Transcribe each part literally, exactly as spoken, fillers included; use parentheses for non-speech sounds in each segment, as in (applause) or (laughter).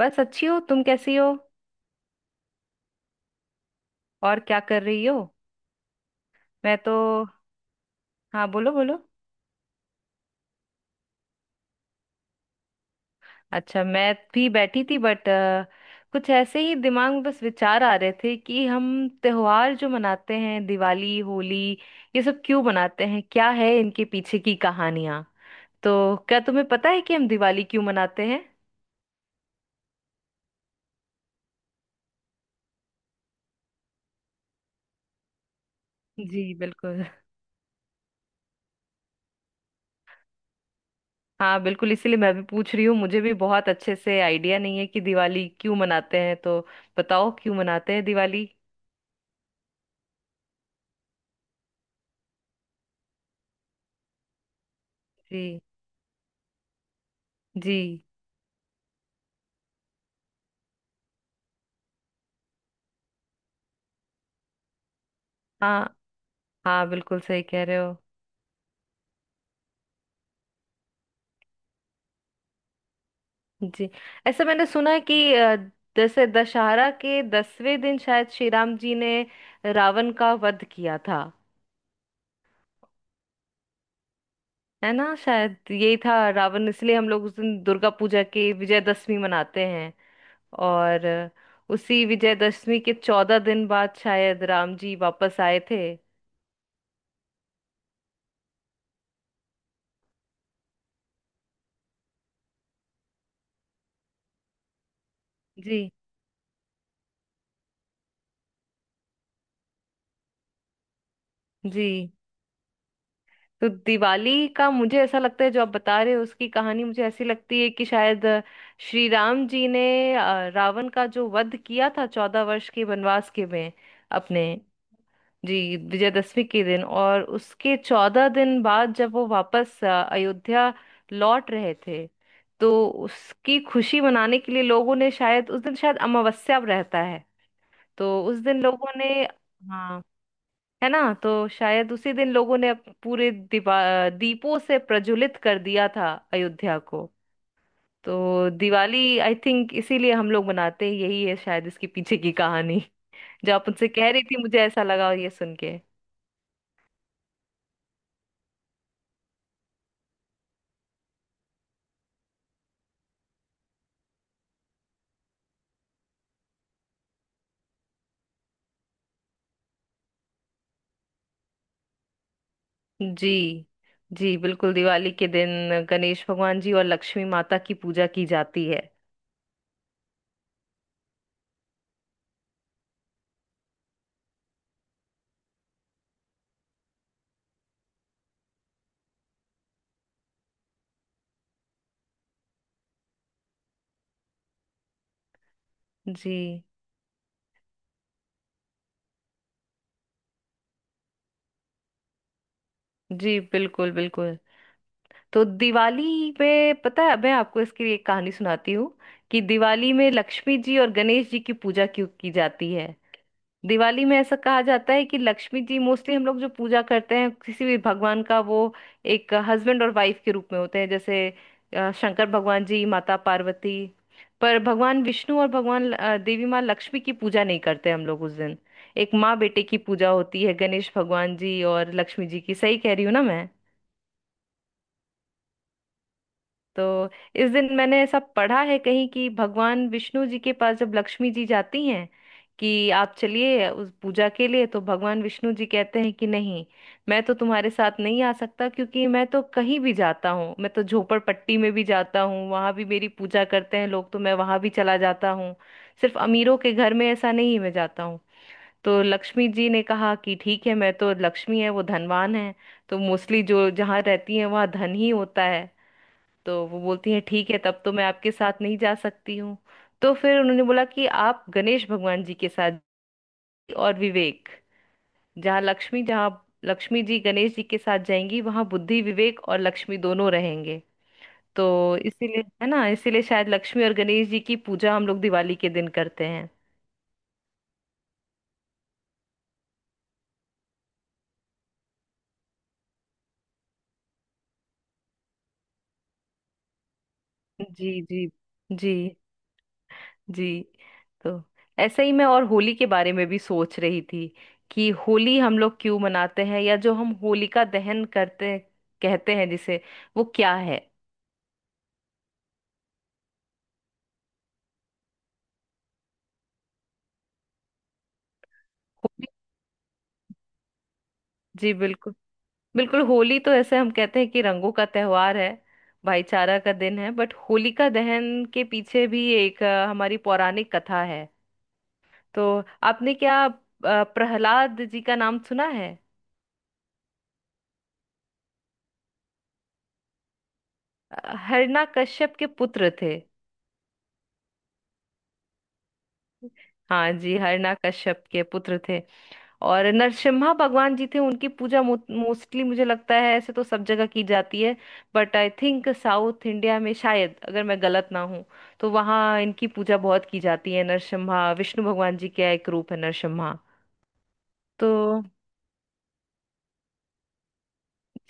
बस अच्छी हो। तुम कैसी हो। और क्या कर रही हो। मैं तो। हाँ, बोलो बोलो। अच्छा, मैं भी बैठी थी बट कुछ ऐसे ही दिमाग में बस विचार आ रहे थे कि हम त्योहार जो मनाते हैं, दिवाली, होली, ये सब क्यों मनाते हैं, क्या है इनके पीछे की कहानियां। तो क्या तुम्हें पता है कि हम दिवाली क्यों मनाते हैं। जी बिल्कुल। हाँ बिल्कुल, इसीलिए मैं भी पूछ रही हूँ। मुझे भी बहुत अच्छे से आइडिया नहीं है कि दिवाली क्यों मनाते हैं। तो बताओ, क्यों मनाते हैं दिवाली। जी। जी। हाँ हाँ, बिल्कुल सही कह रहे हो। जी। ऐसा मैंने सुना है कि अ, जैसे दशहरा के दसवें दिन शायद श्री राम जी ने रावण का वध किया था। है ना, शायद यही था रावण, इसलिए हम लोग उस दिन दुर्गा पूजा की विजयदशमी मनाते हैं। और अ, उसी विजयदशमी के चौदह दिन बाद शायद राम जी वापस आए थे। जी। जी। तो दिवाली का मुझे ऐसा लगता है, जो आप बता रहे हो उसकी कहानी मुझे ऐसी लगती है कि शायद अ, श्री राम जी ने अ, रावण का जो वध किया था चौदह वर्ष के वनवास के में अपने, जी, विजयदशमी के दिन, और उसके चौदह दिन बाद जब वो वापस अ, अयोध्या लौट रहे थे, तो उसकी खुशी मनाने के लिए लोगों ने, शायद उस दिन शायद अमावस्या रहता है, तो उस दिन लोगों ने, हाँ, है ना, तो शायद उसी दिन लोगों ने अप- पूरे दीपा दीपों से प्रज्वलित कर दिया था अयोध्या को। तो दिवाली आई थिंक इसीलिए हम लोग मनाते हैं, यही है शायद इसके पीछे की कहानी। (laughs) जो आप उनसे कह रही थी, मुझे ऐसा लगा ये सुन के। जी। जी बिल्कुल, दिवाली के दिन गणेश भगवान जी और लक्ष्मी माता की पूजा की जाती है। जी। जी। बिल्कुल बिल्कुल। तो दिवाली पे पता है, मैं आपको इसकी एक कहानी सुनाती हूँ, कि दिवाली में लक्ष्मी जी और गणेश जी की पूजा क्यों की जाती है। दिवाली में ऐसा कहा जाता है कि लक्ष्मी जी, मोस्टली हम लोग जो पूजा करते हैं किसी भी भगवान का, वो एक हस्बैंड और वाइफ के रूप में होते हैं, जैसे अ, शंकर भगवान जी, माता पार्वती। पर भगवान विष्णु और भगवान अ, देवी माँ लक्ष्मी की पूजा नहीं करते हम लोग उस दिन। एक माँ बेटे की पूजा होती है, गणेश भगवान जी और लक्ष्मी जी की। सही कह रही हूँ ना मैं। तो इस दिन मैंने ऐसा पढ़ा है कहीं कि भगवान विष्णु जी के पास जब लक्ष्मी जी जाती हैं, कि आप चलिए उस पूजा के लिए, तो भगवान विष्णु जी कहते हैं कि नहीं, मैं तो तुम्हारे साथ नहीं आ सकता, क्योंकि मैं तो कहीं भी जाता हूँ, मैं तो झोपड़पट्टी में भी जाता हूँ, वहां भी मेरी पूजा करते हैं लोग, तो मैं वहां भी चला जाता हूँ। सिर्फ अमीरों के घर में ऐसा नहीं मैं जाता हूँ। तो लक्ष्मी जी ने कहा कि ठीक है, मैं तो लक्ष्मी है, वो धनवान है, तो मोस्टली जो जहाँ रहती है वहाँ धन ही होता है। तो वो बोलती है ठीक है, तब तो मैं आपके साथ नहीं जा सकती हूँ। तो फिर उन्होंने बोला कि आप गणेश भगवान जी के साथ, और विवेक, जहाँ लक्ष्मी जहाँ लक्ष्मी जी गणेश जी के साथ जाएंगी वहां बुद्धि, विवेक और लक्ष्मी दोनों रहेंगे। तो इसीलिए है ना, इसीलिए शायद लक्ष्मी और गणेश जी की पूजा हम लोग दिवाली के दिन करते हैं। जी जी। जी जी। तो ऐसे ही मैं और होली के बारे में भी सोच रही थी, कि होली हम लोग क्यों मनाते हैं, या जो हम होलिका दहन करते, कहते हैं जिसे, वो क्या है होली। जी बिल्कुल। बिल्कुल होली तो ऐसे हम कहते हैं कि रंगों का त्योहार है, भाईचारा का दिन है, बट होलिका दहन के पीछे भी एक अ, हमारी पौराणिक कथा है। तो आपने क्या अ, प्रहलाद जी का नाम सुना है। अ, हिरण्यकश्यप के पुत्र थे। हाँ जी, हरना कश्यप के पुत्र थे। और नरसिम्हा भगवान जी थे, उनकी पूजा मोस्टली मुझे लगता है ऐसे तो सब जगह की जाती है, but I think south India में शायद, अगर मैं गलत ना हूँ, तो वहाँ इनकी पूजा बहुत की जाती है। नरसिम्हा विष्णु भगवान जी का एक रूप है, नरसिम्हा। तो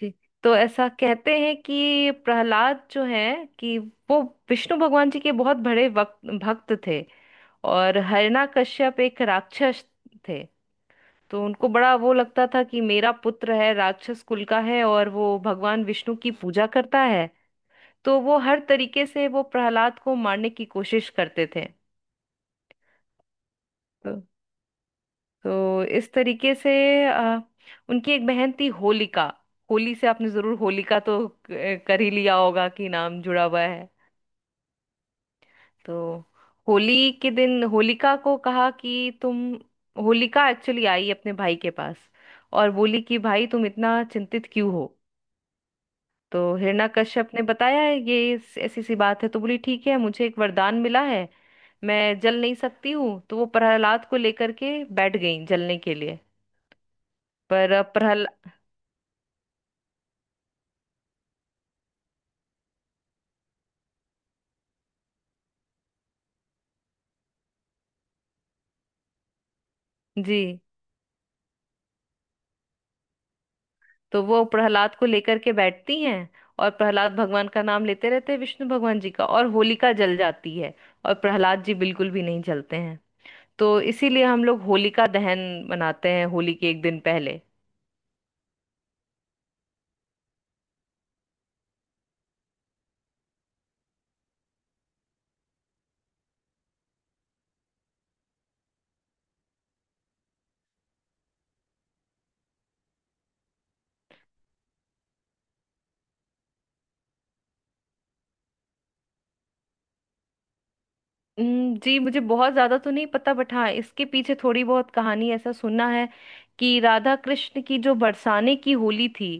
जी, तो ऐसा कहते हैं कि प्रहलाद जो है, कि वो विष्णु भगवान जी के बहुत बड़े वक्त भक्त थे, और हरना कश्यप एक राक्षस थे। तो उनको बड़ा वो लगता था कि मेरा पुत्र है, राक्षस कुल का है, और वो भगवान विष्णु की पूजा करता है। तो वो हर तरीके से वो प्रहलाद को मारने की कोशिश करते थे। तो, तो इस तरीके से अ, उनकी एक बहन थी होलिका। होली से आपने जरूर होलिका तो क- कर ही लिया होगा कि नाम जुड़ा हुआ है। तो होली के दिन होलिका को कहा कि तुम। होलिका एक्चुअली आई अपने भाई के पास और बोली कि भाई तुम इतना चिंतित क्यों हो। तो हिरण्यकश्यप ने बताया है ये इस- ऐसी सी बात है, तो बोली ठीक है, मुझे एक वरदान मिला है, मैं जल नहीं सकती हूँ, तो वो प्रहलाद को लेकर के बैठ गई जलने के लिए। पर प्रहल जी, तो वो प्रहलाद को लेकर के बैठती हैं, और प्रहलाद भगवान का नाम लेते रहते हैं विष्णु भगवान जी का, और होलिका जल जाती है, और प्रहलाद जी बिल्कुल भी नहीं जलते हैं। तो इसीलिए हम लोग होलिका दहन मनाते हैं होली के एक दिन पहले। हम्म, जी। मुझे बहुत ज्यादा तो नहीं पता, बट हाँ इसके पीछे थोड़ी बहुत कहानी ऐसा सुना है, कि राधा कृष्ण की जो बरसाने की होली थी,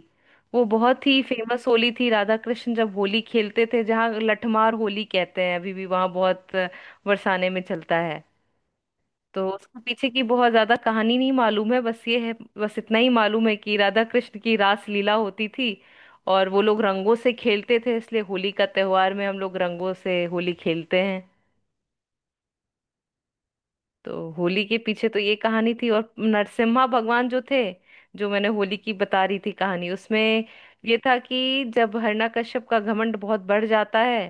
वो बहुत ही फेमस होली थी। राधा कृष्ण जब होली खेलते थे, जहाँ लठमार होली कहते हैं, अभी भी वहाँ बहुत अ, बरसाने में चलता है। तो उसके पीछे की बहुत ज्यादा कहानी नहीं मालूम है, बस ये है। बस इतना ही मालूम है कि राधा कृष्ण की रास लीला होती थी, और वो लोग रंगों से खेलते थे, इसलिए होली का त्योहार में हम लोग रंगों से होली खेलते हैं। तो होली के पीछे तो ये कहानी थी। और नरसिम्हा भगवान जो थे, जो मैंने होली की बता रही थी कहानी उसमें, ये था कि जब हिरण्यकश्यप का घमंड बहुत बढ़ जाता है,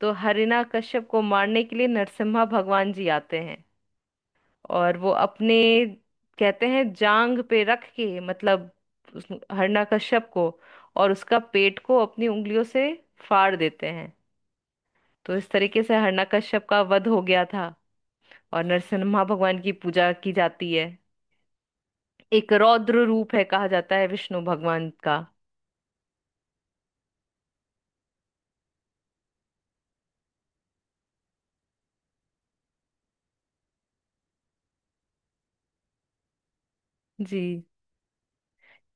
तो हिरण्यकश्यप को मारने के लिए नरसिम्हा भगवान जी आते हैं। और वो अपने, कहते हैं, जांग पे रख के, मतलब उस हिरण्यकश्यप को, और उसका पेट को अपनी उंगलियों से फाड़ देते हैं। तो इस तरीके से हिरण्यकश्यप का वध हो गया था, और नरसिम्हा भगवान की पूजा की जाती है। एक रौद्र रूप है, कहा जाता है विष्णु भगवान का। जी।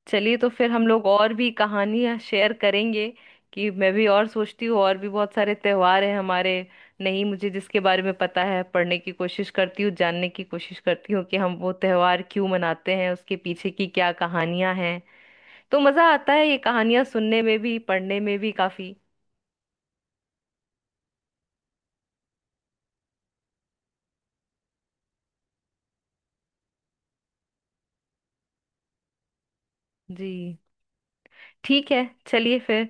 चलिए तो फिर हम लोग और भी कहानियां शेयर करेंगे, कि मैं भी और सोचती हूँ, और भी बहुत सारे त्योहार हैं हमारे। नहीं, मुझे जिसके बारे में पता है, पढ़ने की कोशिश करती हूँ, जानने की कोशिश करती हूँ, कि हम वो त्योहार क्यों मनाते हैं, उसके पीछे की क्या कहानियां हैं। तो मजा आता है ये कहानियां सुनने में भी, पढ़ने में भी काफी। जी ठीक है। चलिए फिर,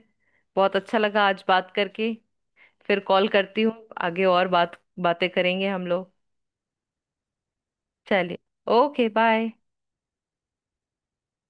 बहुत अच्छा लगा आज बात करके। फिर कॉल करती हूँ, आगे और बात बातें करेंगे हम लोग। चलिए। ओके। बाय।